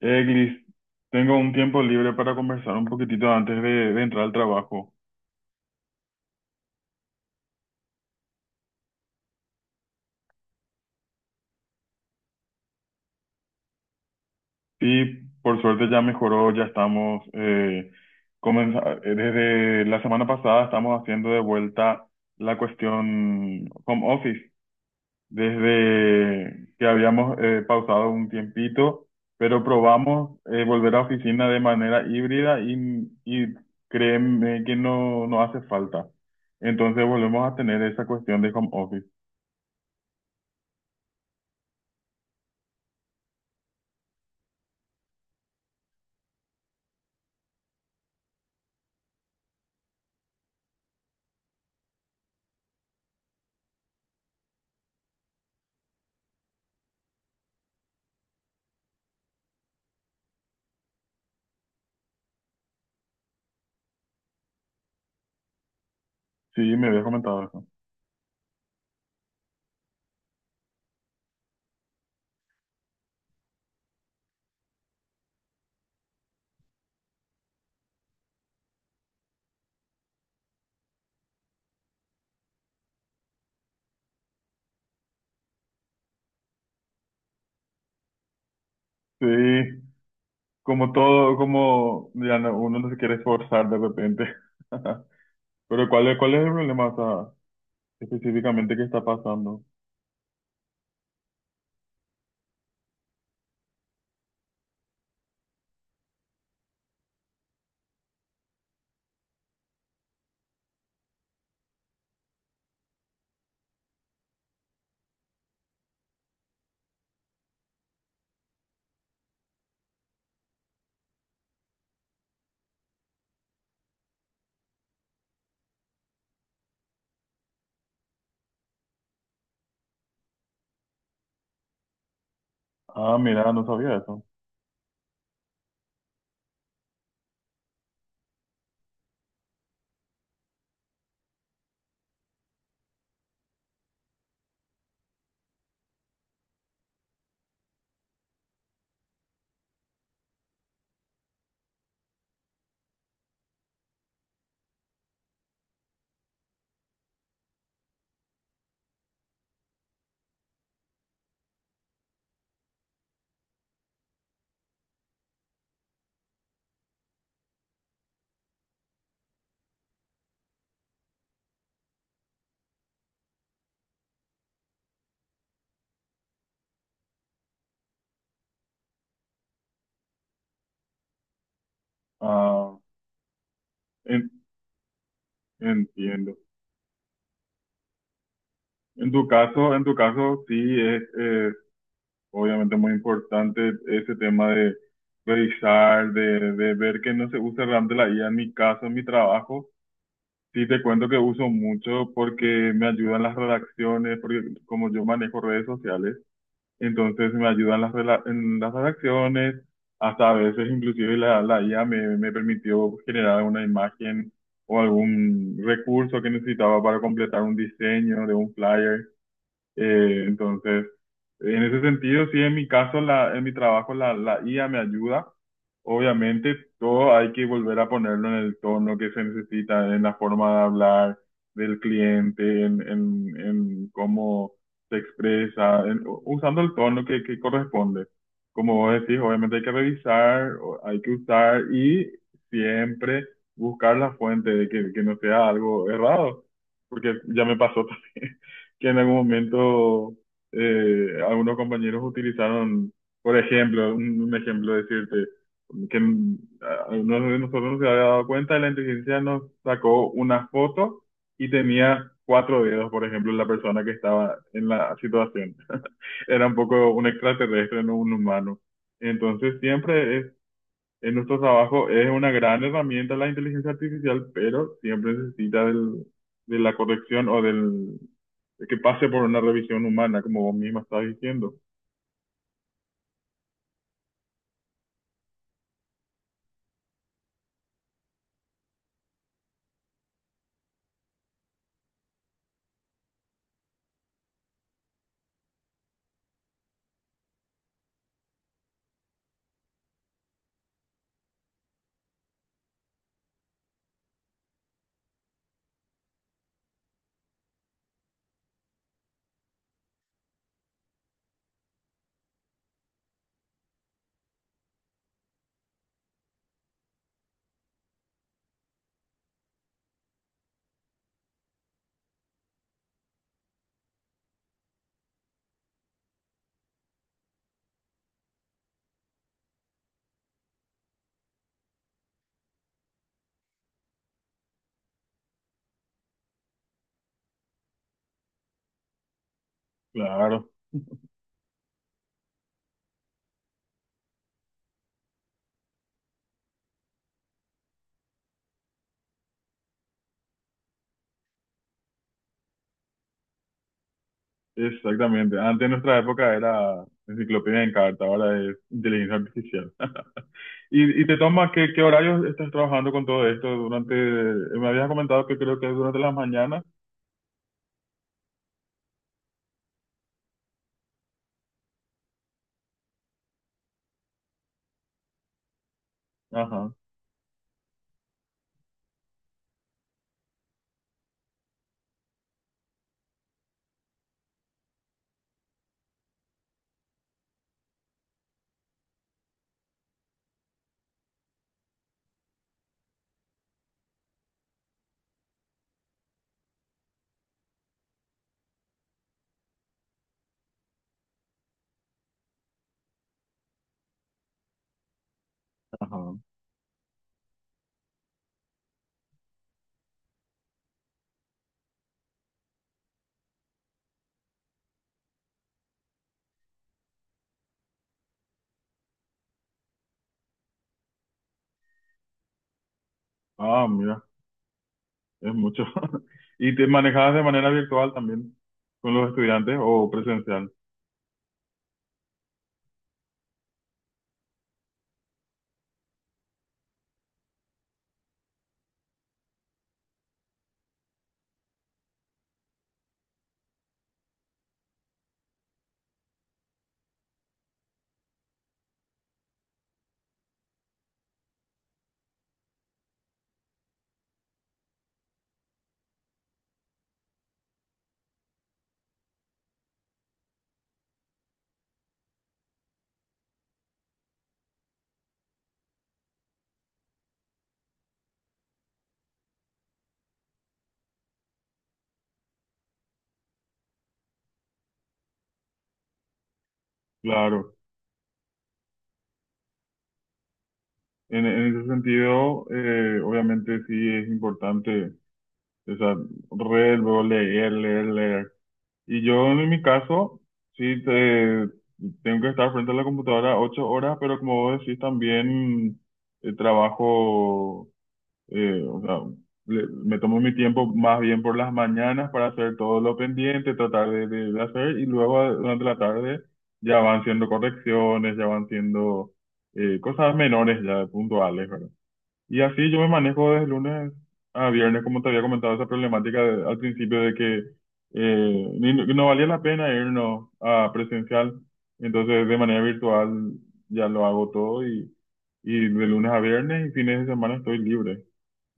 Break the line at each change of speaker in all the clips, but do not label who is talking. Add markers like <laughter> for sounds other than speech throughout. Gris, tengo un tiempo libre para conversar un poquitito antes de entrar al trabajo. Y por suerte ya mejoró, ya estamos, desde la semana pasada estamos haciendo de vuelta la cuestión home office, desde que habíamos pausado un tiempito, pero probamos volver a oficina de manera híbrida y créeme que no, no hace falta. Entonces volvemos a tener esa cuestión de home office. Sí, me había comentado eso. Sí, como todo, como uno no se quiere esforzar de repente. <laughs> Pero ¿cuál es el problema, o sea, específicamente que está pasando? Ah, mira, no sabía eso. Ah, en- entiendo. En tu caso sí es, obviamente muy importante ese tema de revisar, de ver que no se usa realmente la I a en mi caso, en mi trabajo. Sí, te cuento que uso mucho porque me ayudan las redacciones, porque como yo manejo redes sociales, entonces me ayudan en las redacciones, hasta a veces inclusive la IA me permitió generar una imagen o algún recurso que necesitaba para completar un diseño de un flyer. Eh, entonces, en ese sentido, sí, en mi caso, en mi trabajo, la IA me ayuda. Obviamente, todo hay que volver a ponerlo en el tono que se necesita, en la forma de hablar del cliente, en cómo se expresa, usando el tono que corresponde. Como vos decís, obviamente hay que revisar, hay que usar y siempre buscar la fuente de que no sea algo errado, porque ya me pasó <laughs> también que en algún momento algunos compañeros utilizaron, por ejemplo, un ejemplo decirte, que algunos de nosotros no se había dado cuenta, la inteligencia nos sacó una foto y tenía cuatro dedos, por ejemplo, la persona que estaba en la situación. <laughs> Era un poco un extraterrestre, no un humano. Entonces siempre en nuestro trabajo es una gran herramienta la inteligencia artificial, pero siempre necesita de la corrección o del de que pase por una revisión humana, como vos misma estás diciendo. Claro, exactamente. Antes en nuestra época era enciclopedia en carta, ahora es inteligencia artificial. <laughs> ¿Y te toma qué horarios estás trabajando con todo esto durante? Me habías comentado que creo que es durante las mañanas. Ajá, ajá. Ah, mira. Es mucho. <laughs> ¿Y te manejabas de manera virtual también con los estudiantes o presencial? Claro. En ese sentido, obviamente sí es importante esa red, luego leer, leer, leer. Y yo en mi caso, sí te- tengo que estar frente a la computadora 8 horas, pero como vos decís, también trabajo o sea, me tomo mi tiempo más bien por las mañanas para hacer todo lo pendiente, tratar de hacer y luego durante la tarde ya van siendo correcciones, ya van siendo cosas menores ya puntuales, ¿verdad? Y así yo me manejo desde lunes a viernes, como te había comentado esa problemática al principio de que no valía la pena irnos a presencial, entonces de manera virtual ya lo hago todo y de lunes a viernes y fines de semana estoy libre.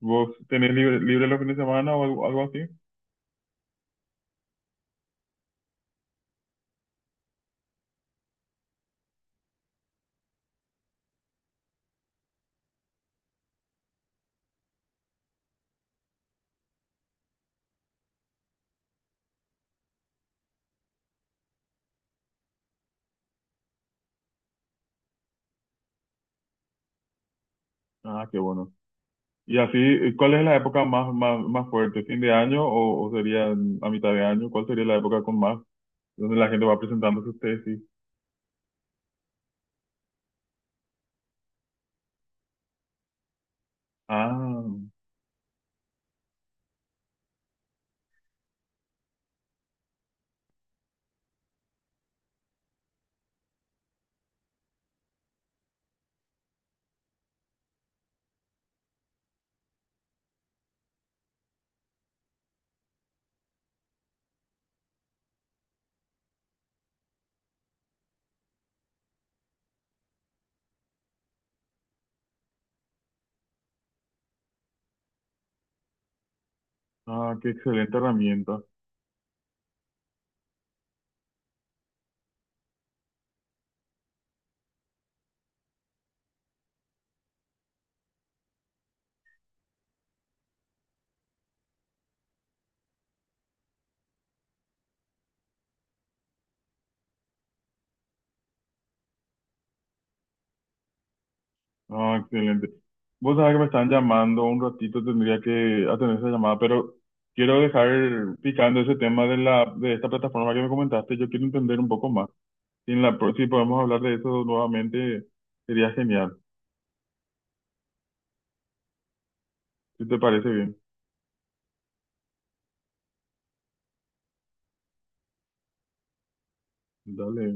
¿Vos tenés libre los fines de semana o algo, algo así? Ah, qué bueno. Y así, ¿cuál es la época más fuerte? ¿Fin de año o sería a mitad de año? ¿Cuál sería la época con más, donde la gente va presentando sus tesis? Ah, ah, qué excelente herramienta. Ah, excelente. Vos sabés que me están llamando un ratito, tendría que atender esa llamada, pero quiero dejar picando ese tema de la, de esta plataforma que me comentaste. Yo quiero entender un poco más. Si en la, si podemos hablar de eso nuevamente, sería genial. Si te parece bien, dale.